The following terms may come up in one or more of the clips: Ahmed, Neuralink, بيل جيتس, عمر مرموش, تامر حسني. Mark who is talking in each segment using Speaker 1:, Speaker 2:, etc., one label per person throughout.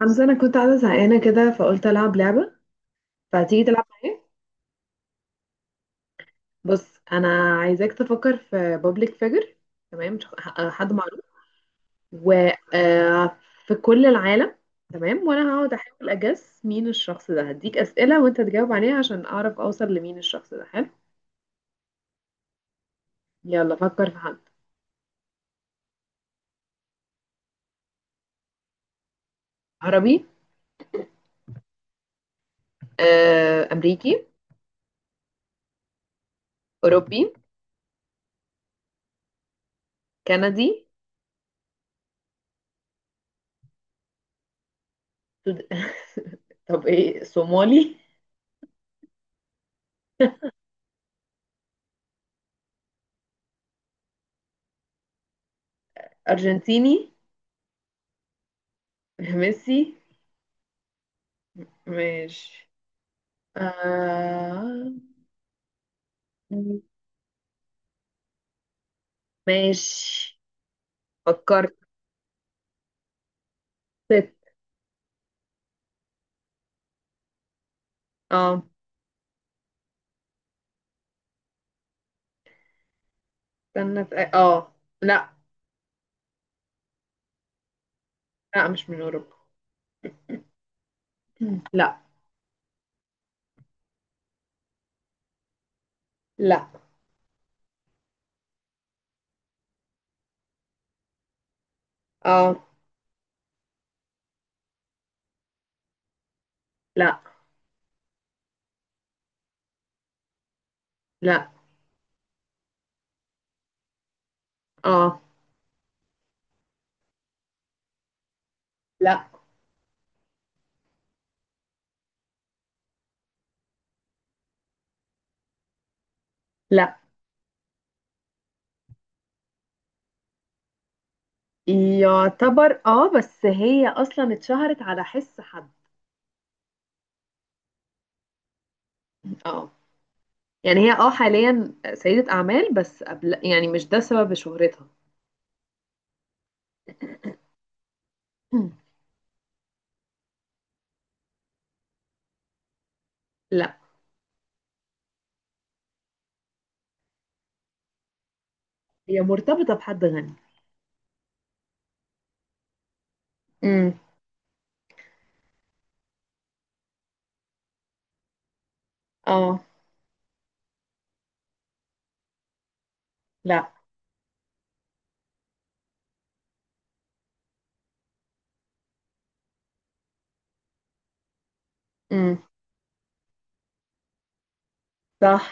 Speaker 1: حمزة، أنا كنت قاعدة زهقانة كده فقلت ألعب لعبة، فتيجي تلعب معايا؟ بص، أنا عايزاك تفكر في بابليك فيجر. تمام، حد معروف وفي كل العالم. تمام، وأنا هقعد أحاول أجس مين الشخص ده، هديك أسئلة وأنت تجاوب عليها عشان أعرف أوصل لمين الشخص ده. حلو؟ يلا، فكر في حد. عربي؟ أمريكي؟ أوروبي؟ كندي؟ سود... طب إيه، صومالي؟ أرجنتيني؟ ميسي؟ ماشي. آه... ماشي. فكرت. ست. اه، استنى في لا. لا، مش من اوروبا. لا. لا. اه. لا. لا. اه. لا. لا. يعتبر اه، بس هي اصلا اتشهرت على حس حد. اه. يعني هي حاليا سيدة اعمال، بس قبل يعني مش ده سبب شهرتها. مم. لا. هي مرتبطة بحد غني. امم. اه. لا. امم. صح.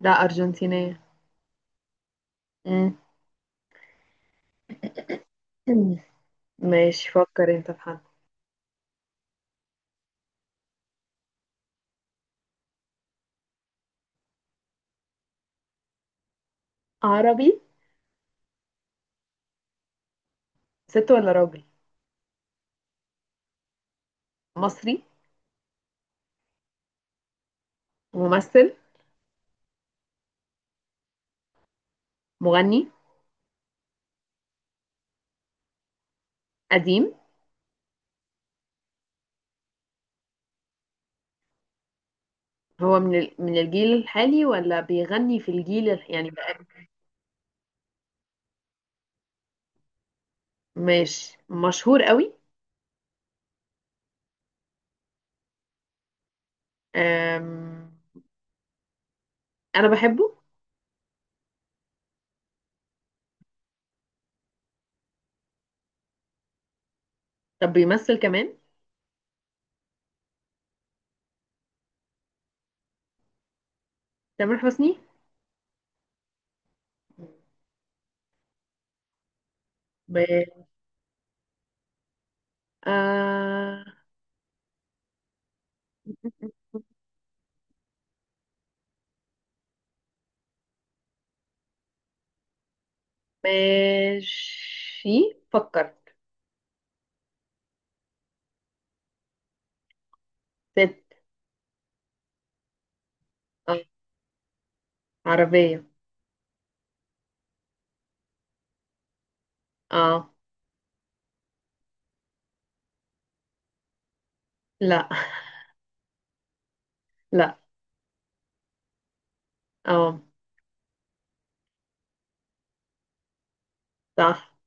Speaker 1: لا، ارجنتينية. مم. ماشي، فكر انت في حد. عربي؟ ست ولا راجل؟ مصري؟ ممثل؟ مغني. قديم؟ هو من من الجيل الحالي ولا بيغني في الجيل يعني بقى؟ ماشي. مشهور قوي؟ أم... انا بحبه. طب بيمثل كمان؟ تامر حسني؟ ب... آه... ماشي، فكر. ست. اه، عربية. اه. لا. لا. اه. صح.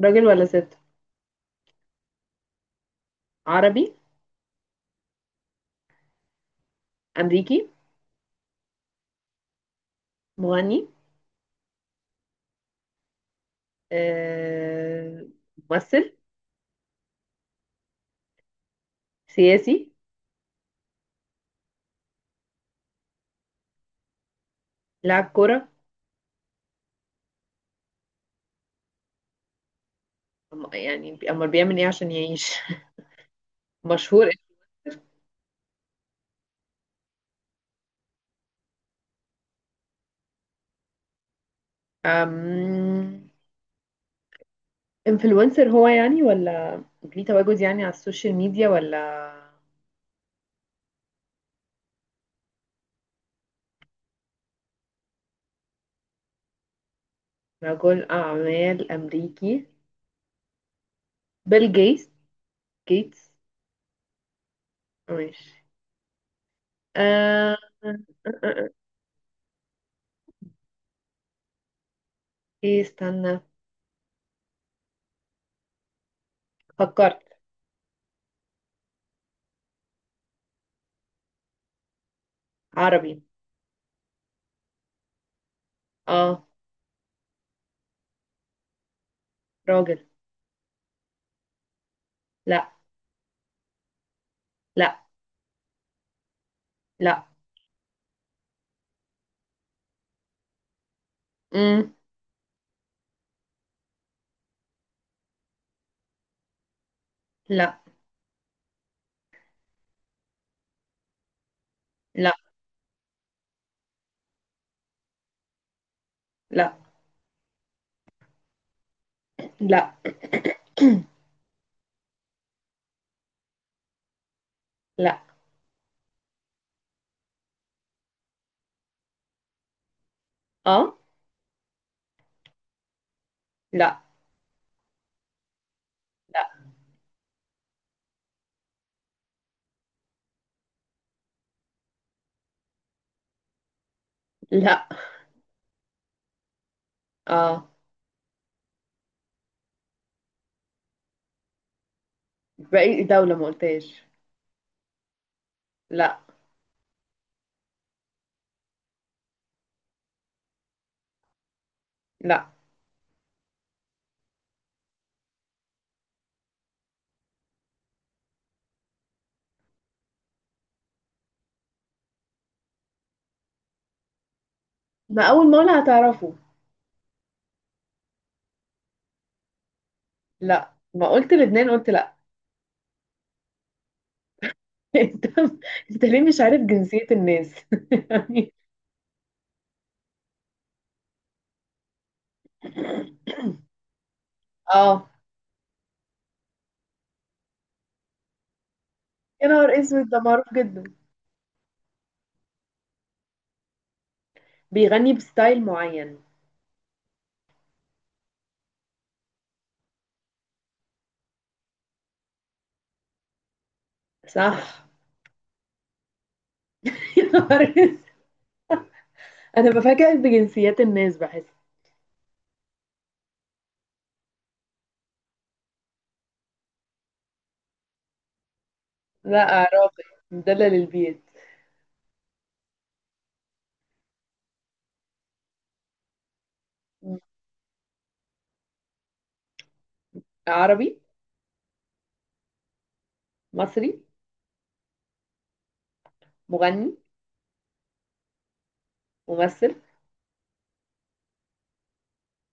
Speaker 1: راجل ولا ست؟ عربي؟ أمريكي؟ مغني؟ آه، ممثل؟ سياسي؟ لاعب كرة؟ يعني أمال بيعمل إيه عشان يعيش؟ مشهور؟ أم... انفلونسر هو يعني، ولا ليه تواجد يعني على السوشيال ميديا، ولا؟ رجل أعمال أمريكي. بيل جيتس. جيتس؟ ماشي. آه... آه، آه، آه. إيه، استنى. فكرت. عربي؟ اه. راجل. لا. لا. لا. مم. لا. لا. لا. لا. لا اه. لا. لا. لا. اه، باقي دولة ما قلتهاش. لا. لا. ما أول ما أقولها هتعرفه. لا، ما قلت لبنان قلت لا. انت انت ليه مش عارف جنسية الناس؟ يعني. اه. يا نهار اسود، ده معروف جدا! بيغني بستايل معين. صح. يا نهار اسود! انا بفاجئ بجنسيات الناس، بحس. لا، عراقي. مدلل البيت. عربي؟ مصري؟ مغني؟ ممثل؟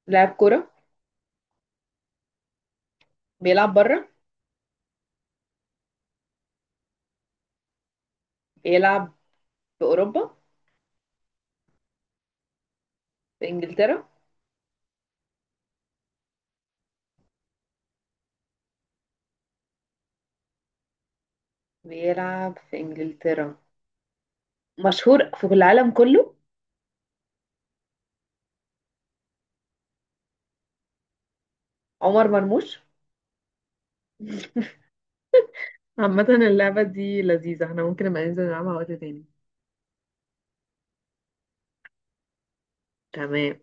Speaker 1: لاعب كرة؟ بيلعب بره؟ بيلعب في أوروبا؟ في إنجلترا؟ بيلعب في إنجلترا. مشهور في العالم كله؟ عمر مرموش؟ عامة، اللعبة دي لذيذة، احنا ممكن نبقى ننزل نلعبها وقت تاني. تمام.